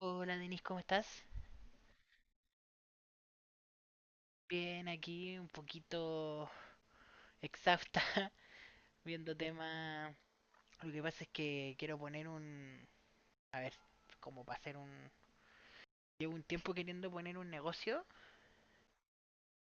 Hola Denise, ¿cómo estás? Bien, aquí un poquito exhausta viendo temas. Lo que pasa es que quiero poner un... A ver, como para hacer un... Llevo un tiempo queriendo poner un negocio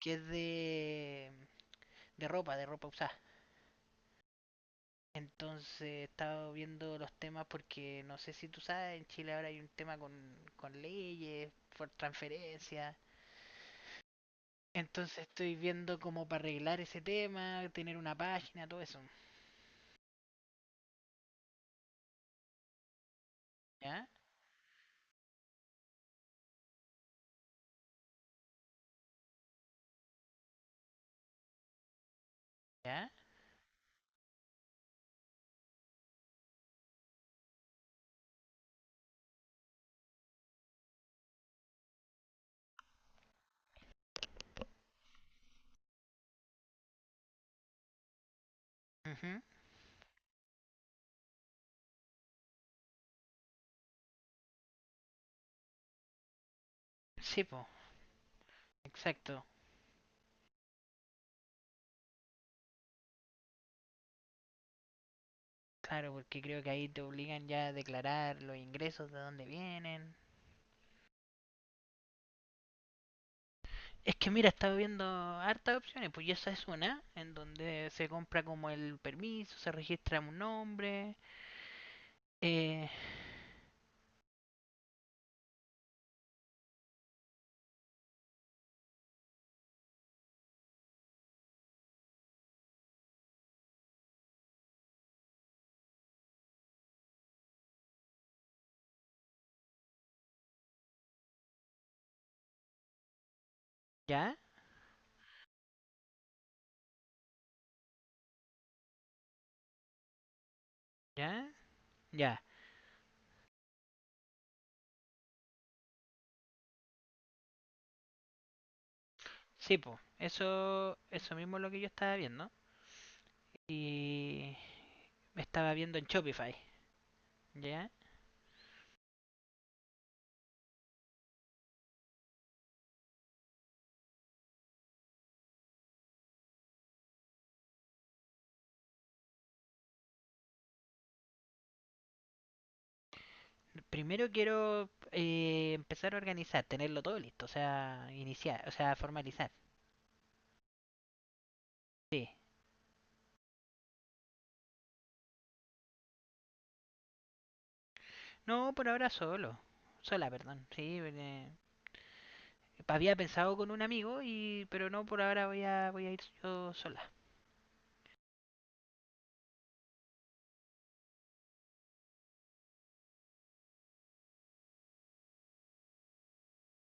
que es de ropa, de ropa usada. Entonces he estado viendo los temas porque no sé si tú sabes, en Chile ahora hay un tema con leyes, por transferencia. Entonces estoy viendo como para arreglar ese tema, tener una página, todo eso. ¿Ya? ¿Ya? Ujú. Sí, po, exacto. Claro, porque creo que ahí te obligan ya a declarar los ingresos de dónde vienen. Es que mira, estaba viendo hartas opciones, pues, y esa es una, en donde se compra como el permiso, se registra un nombre. Eh, ya, ya, ya. Sí, pues, eso mismo es lo que yo estaba viendo. Y me estaba viendo en Shopify, ¿ya? Primero quiero empezar a organizar, tenerlo todo listo, o sea, iniciar, o sea, formalizar. Sí. No, por ahora solo. Sola, perdón. Sí, había pensado con un amigo, y pero no, por ahora voy a ir yo sola.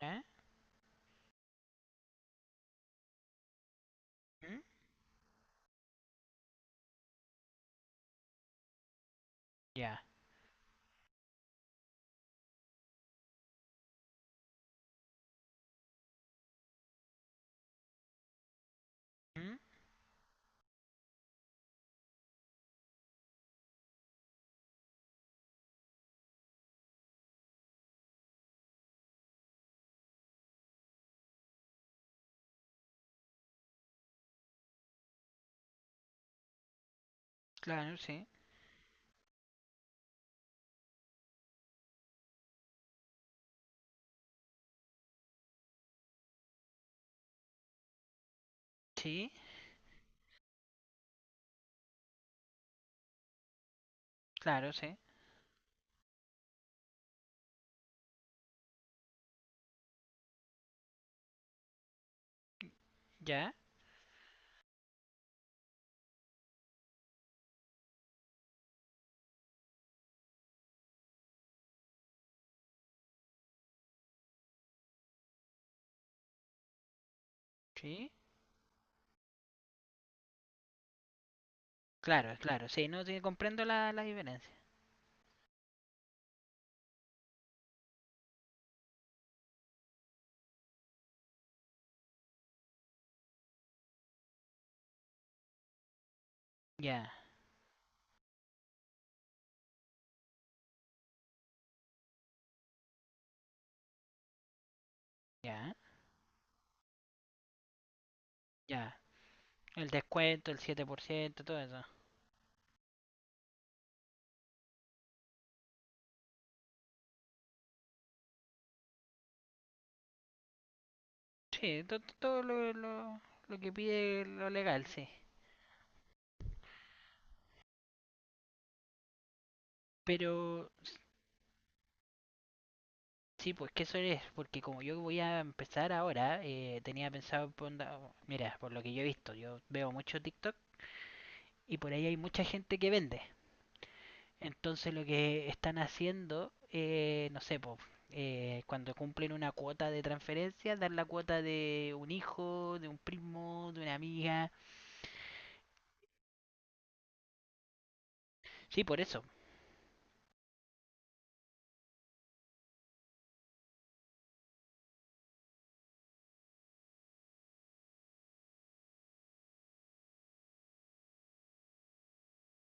¿Eh? ¿Mm? Ya. ¿Mm? Claro, sí. Sí, claro, sí. Ya. Sí. Claro, claro, sí, no, sí, comprendo la diferencia. Ya, ya, ya. El descuento, el 7%, todo eso. Sí, todo lo que pide lo legal, sí. Pero sí, pues que eso es, porque como yo voy a empezar ahora, tenía pensado, mira, por lo que yo he visto, yo veo mucho TikTok y por ahí hay mucha gente que vende. Entonces lo que están haciendo, no sé, pues, cuando cumplen una cuota de transferencia, dar la cuota de un hijo, de un primo, de una amiga. Sí, por eso,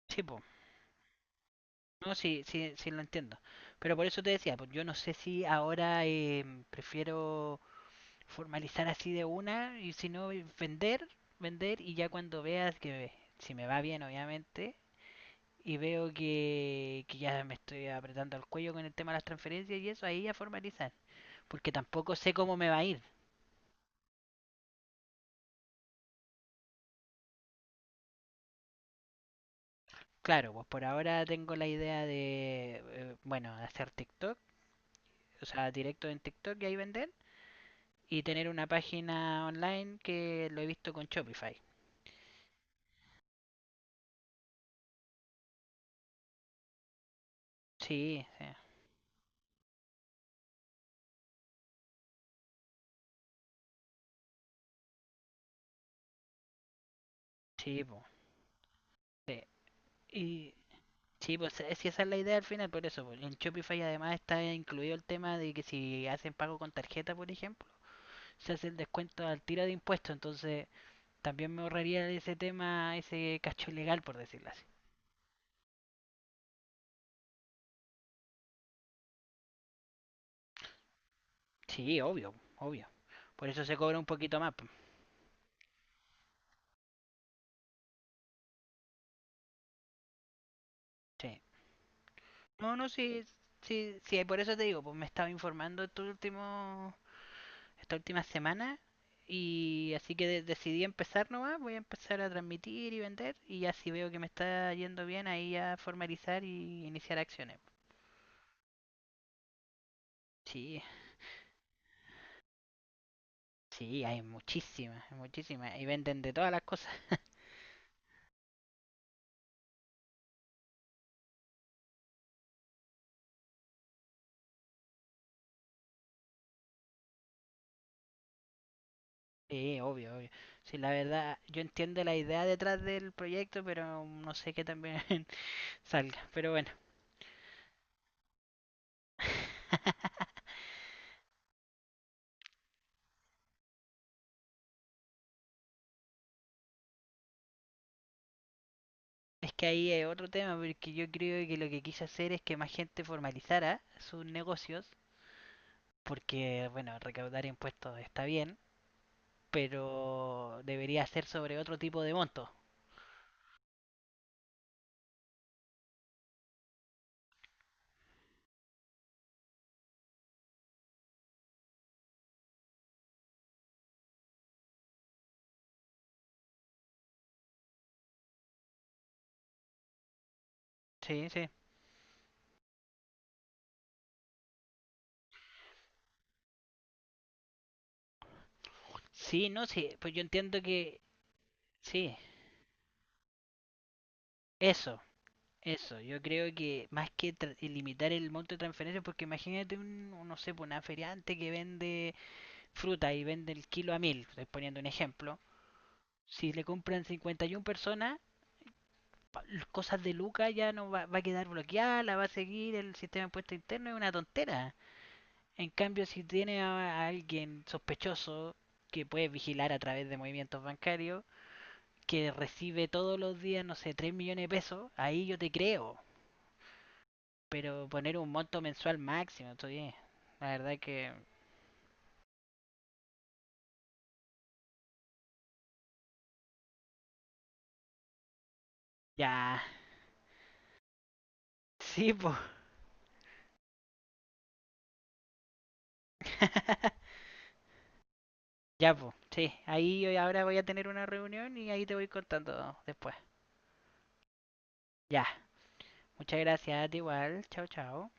sí, pues, no, sí, sí, sí lo entiendo. Pero por eso te decía, pues yo no sé si ahora prefiero formalizar así de una, y si no, vender, vender, y ya cuando veas que, si me va bien, obviamente, y veo que ya me estoy apretando el cuello con el tema de las transferencias y eso, ahí ya formalizar. Porque tampoco sé cómo me va a ir. Claro, pues por ahora tengo la idea de, bueno, hacer TikTok, o sea, directo en TikTok y ahí vender. Y tener una página online que lo he visto con Shopify. Sí, sí, sí, pues sí. Y sí, pues es que esa es la idea al final, por eso, pues. En Shopify además está incluido el tema de que, si hacen pago con tarjeta, por ejemplo, se hace el descuento al tiro de impuestos. Entonces también me ahorraría ese tema, ese cacho ilegal, por decirlo así. Sí, obvio, obvio. Por eso se cobra un poquito más, pues. Sí. No, no, sí, sí, sí, por eso te digo, pues me estaba informando estos últimos esta última semana. Y así que decidí empezar nomás, voy a empezar a transmitir y vender, y ya si veo que me está yendo bien, ahí ya formalizar y iniciar acciones. Sí, sí, hay muchísimas, muchísimas y venden de todas las cosas. Sí, obvio, obvio. Sí, la verdad, yo entiendo la idea detrás del proyecto, pero no sé qué también salga, pero bueno. Es que ahí es otro tema, porque yo creo que lo que quise hacer es que más gente formalizara sus negocios, porque, bueno, recaudar impuestos está bien, pero debería ser sobre otro tipo de monto. Sí, sí. Sí, no, sí, pues yo entiendo que sí, eso, eso, yo creo que más que limitar el monto de transferencias, porque imagínate un, no sé, pues, una feriante que vende fruta y vende el kilo a 1.000, estoy poniendo un ejemplo, si le compran 51 personas, las cosas de Luca ya no va, a quedar bloqueada, la va a seguir el sistema de impuestos interno, es una tontera. En cambio, si tiene a alguien sospechoso que puede vigilar a través de movimientos bancarios, que recibe todos los días, no sé, 3 millones de pesos, ahí yo te creo. Pero poner un monto mensual máximo, estoy. La verdad que ya, sí, po. Ya, po, sí. Ahí yo ahora voy a tener una reunión y ahí te voy contando después. Ya, muchas gracias, igual. Chao, chao.